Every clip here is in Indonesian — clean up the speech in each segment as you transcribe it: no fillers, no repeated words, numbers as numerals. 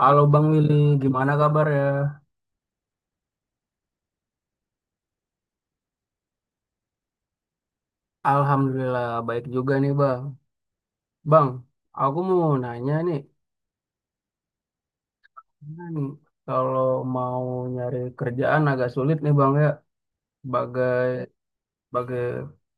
Halo Bang Willy, gimana kabar ya? Alhamdulillah baik juga nih Bang. Bang, aku mau nanya nih, gimana nih kalau mau nyari kerjaan agak sulit nih Bang ya, sebagai sebagai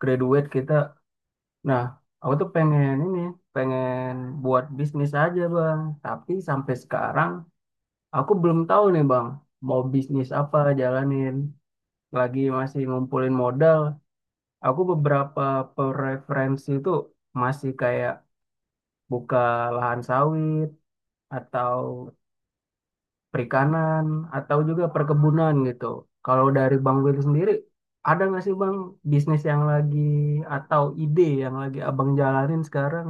graduate kita. Nah, aku tuh pengen buat bisnis aja Bang. Tapi sampai sekarang aku belum tahu nih Bang, mau bisnis apa jalanin. Lagi masih ngumpulin modal. Aku beberapa preferensi tuh masih kayak buka lahan sawit atau perikanan atau juga perkebunan gitu. Kalau dari Bang Will sendiri, ada nggak sih Bang bisnis yang lagi atau ide yang lagi Abang jalanin sekarang?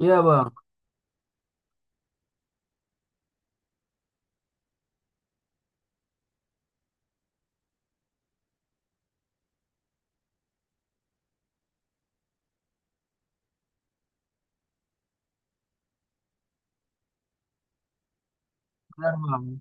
Iya Bang, benar Bang.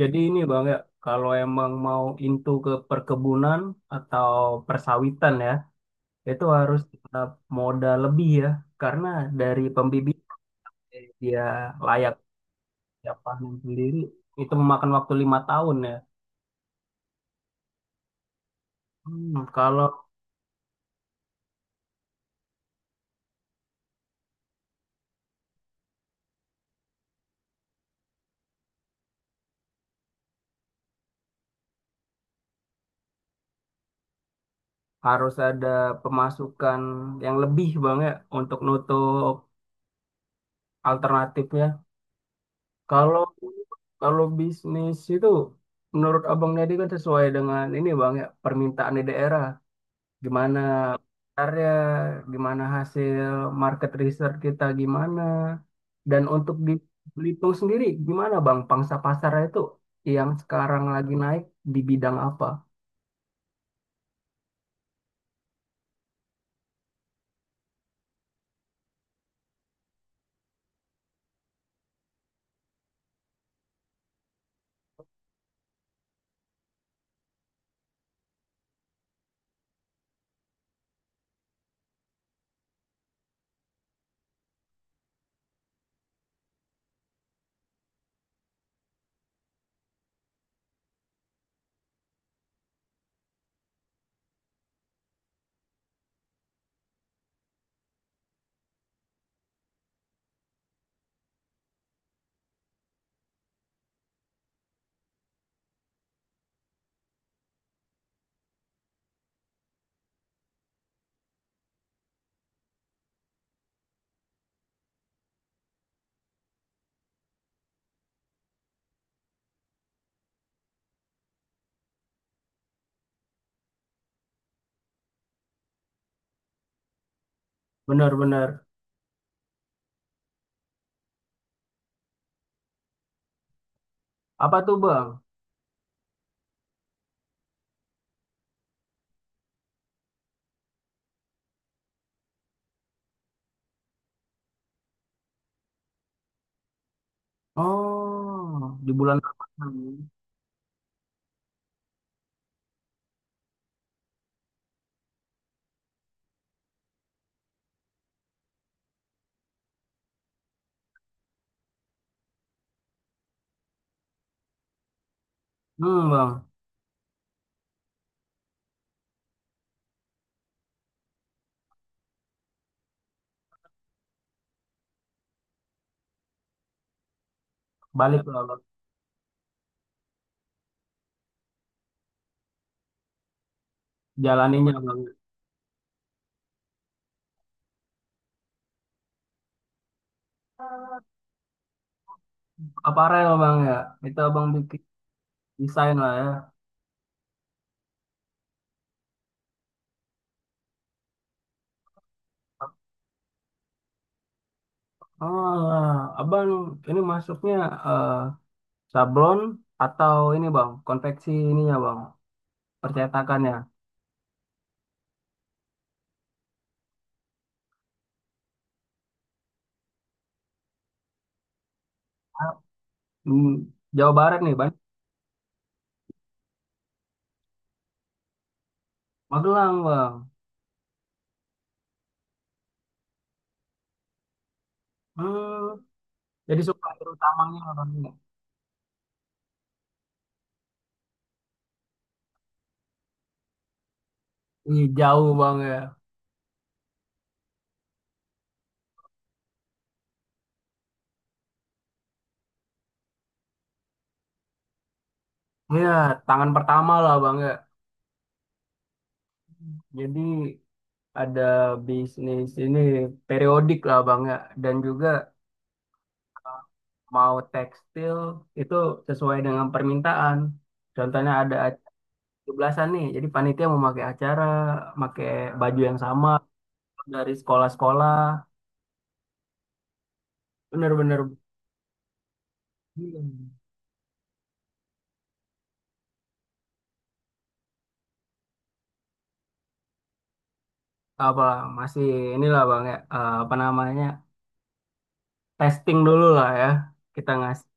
Jadi ini Bang ya, kalau emang mau into ke perkebunan atau persawitan ya, itu harus tetap modal lebih ya, karena dari pembibit dia layak dia panen sendiri itu memakan waktu 5 tahun ya. Kalau harus ada pemasukan yang lebih bang ya untuk nutup alternatifnya. Kalau kalau bisnis itu menurut abang Nedi kan sesuai dengan ini bang ya permintaan di daerah. Gimana pasarnya, gimana hasil market research kita gimana. Dan untuk di Belitung sendiri gimana bang pangsa pasarnya itu yang sekarang lagi naik di bidang apa? Benar-benar apa tuh bang? Oh, di bulan Ramadan. Bang, balik lah bang. Jalaninnya bang. Aparel bang ya. Itu abang bikin desain lah ya. Oh, lah. Abang ini masuknya eh, sablon atau ini bang, konveksi ininya bang, percetakannya. Hmm, Jawa Barat nih bang, Magelang bang. Hmm, jadi supplier utamanya lah bang. Ih, jauh bang ya. Iya, tangan pertama lah bang ya. Jadi ada bisnis ini periodik lah Bang ya dan juga eh, mau tekstil itu sesuai dengan permintaan. Contohnya ada acara 17-an nih, jadi panitia mau pakai acara, pakai baju yang sama dari sekolah-sekolah. Bener-bener. Hmm. Apa masih inilah Bang ya apa namanya testing dulu lah ya. Kita ngasih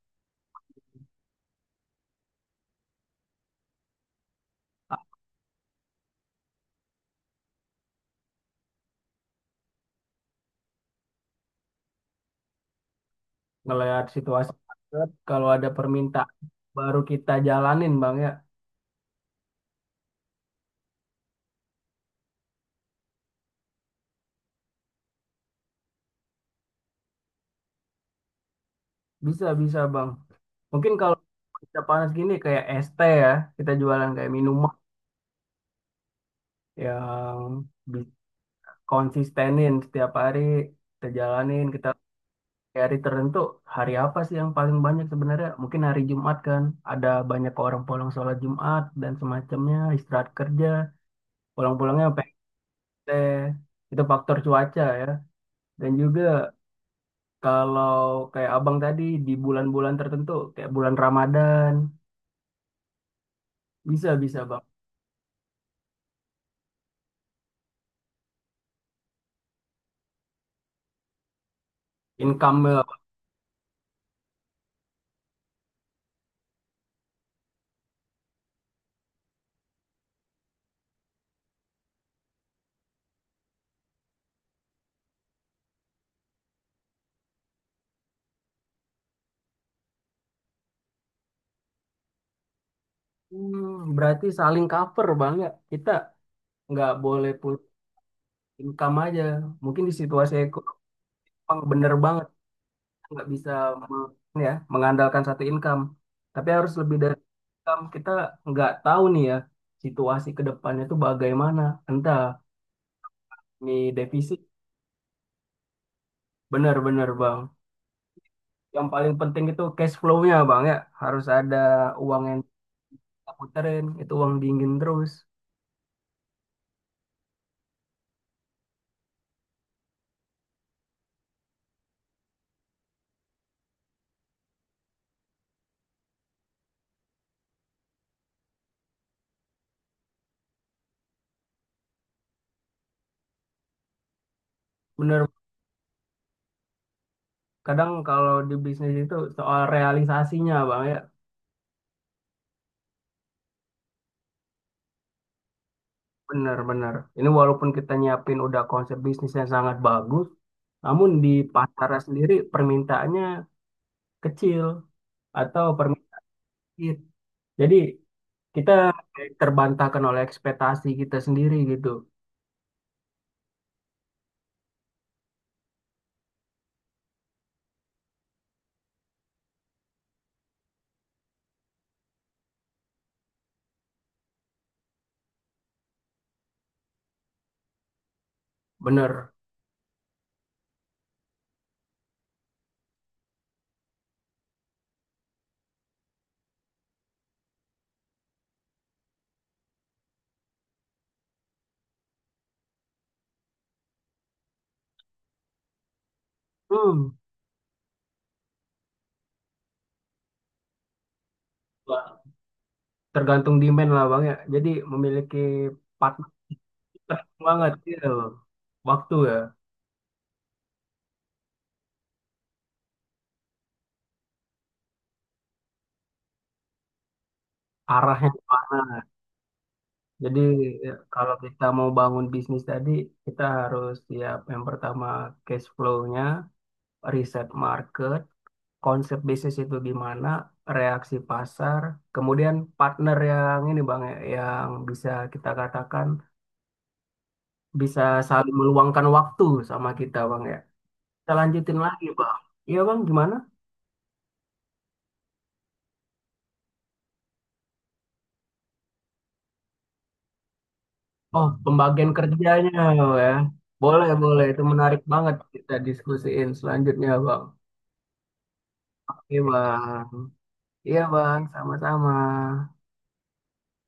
ngelihat situasi market, kalau ada permintaan baru kita jalanin Bang ya. Bisa, bisa Bang. Mungkin kalau kita panas gini kayak es teh ya, kita jualan kayak minuman yang bi- konsistenin setiap hari, kita jalanin, kita kayak hari tertentu, hari apa sih yang paling banyak sebenarnya? Mungkin hari Jumat kan, ada banyak orang pulang sholat Jumat dan semacamnya, istirahat kerja, pulang-pulangnya pengen teh, itu faktor cuaca ya. Dan juga kalau kayak abang tadi di bulan-bulan tertentu, kayak bulan Ramadan, bisa-bisa bang. Income. Berarti saling cover bang ya. Kita nggak boleh pull income aja. Mungkin di situasi ekonomi Bang, bener banget. Kita nggak bisa me- ya mengandalkan satu income. Tapi harus lebih dari income. Kita nggak tahu nih ya situasi ke depannya itu bagaimana. Entah nih defisit. Bener-bener bang. Yang paling penting itu cash flow-nya bang ya. Harus ada uang yang kita puterin. Itu uang dingin terus. Bener. Kadang kalau di bisnis itu soal realisasinya bang ya. Benar-benar. Ini walaupun kita nyiapin udah konsep bisnis yang sangat bagus, namun di pasarnya sendiri permintaannya kecil atau permintaan dikit. Jadi kita terbantahkan oleh ekspektasi kita sendiri gitu. Benar. Hmm. Wah, tergantung demand lah Bang ya. Jadi memiliki partner itu penting banget gitu. Waktu ya, arahnya kemana. Jadi ya, kalau kita mau bangun bisnis tadi, kita harus siap yang pertama cash flow-nya, riset market, konsep bisnis itu gimana, reaksi pasar, kemudian partner yang ini Bang, ya, yang bisa kita katakan bisa saling meluangkan waktu sama kita Bang ya. Kita lanjutin lagi Bang. Iya Bang, gimana? Oh, pembagian kerjanya ya. Boleh, boleh. Itu menarik banget kita diskusiin selanjutnya Bang. Iya Bang. Iya Bang, sama-sama.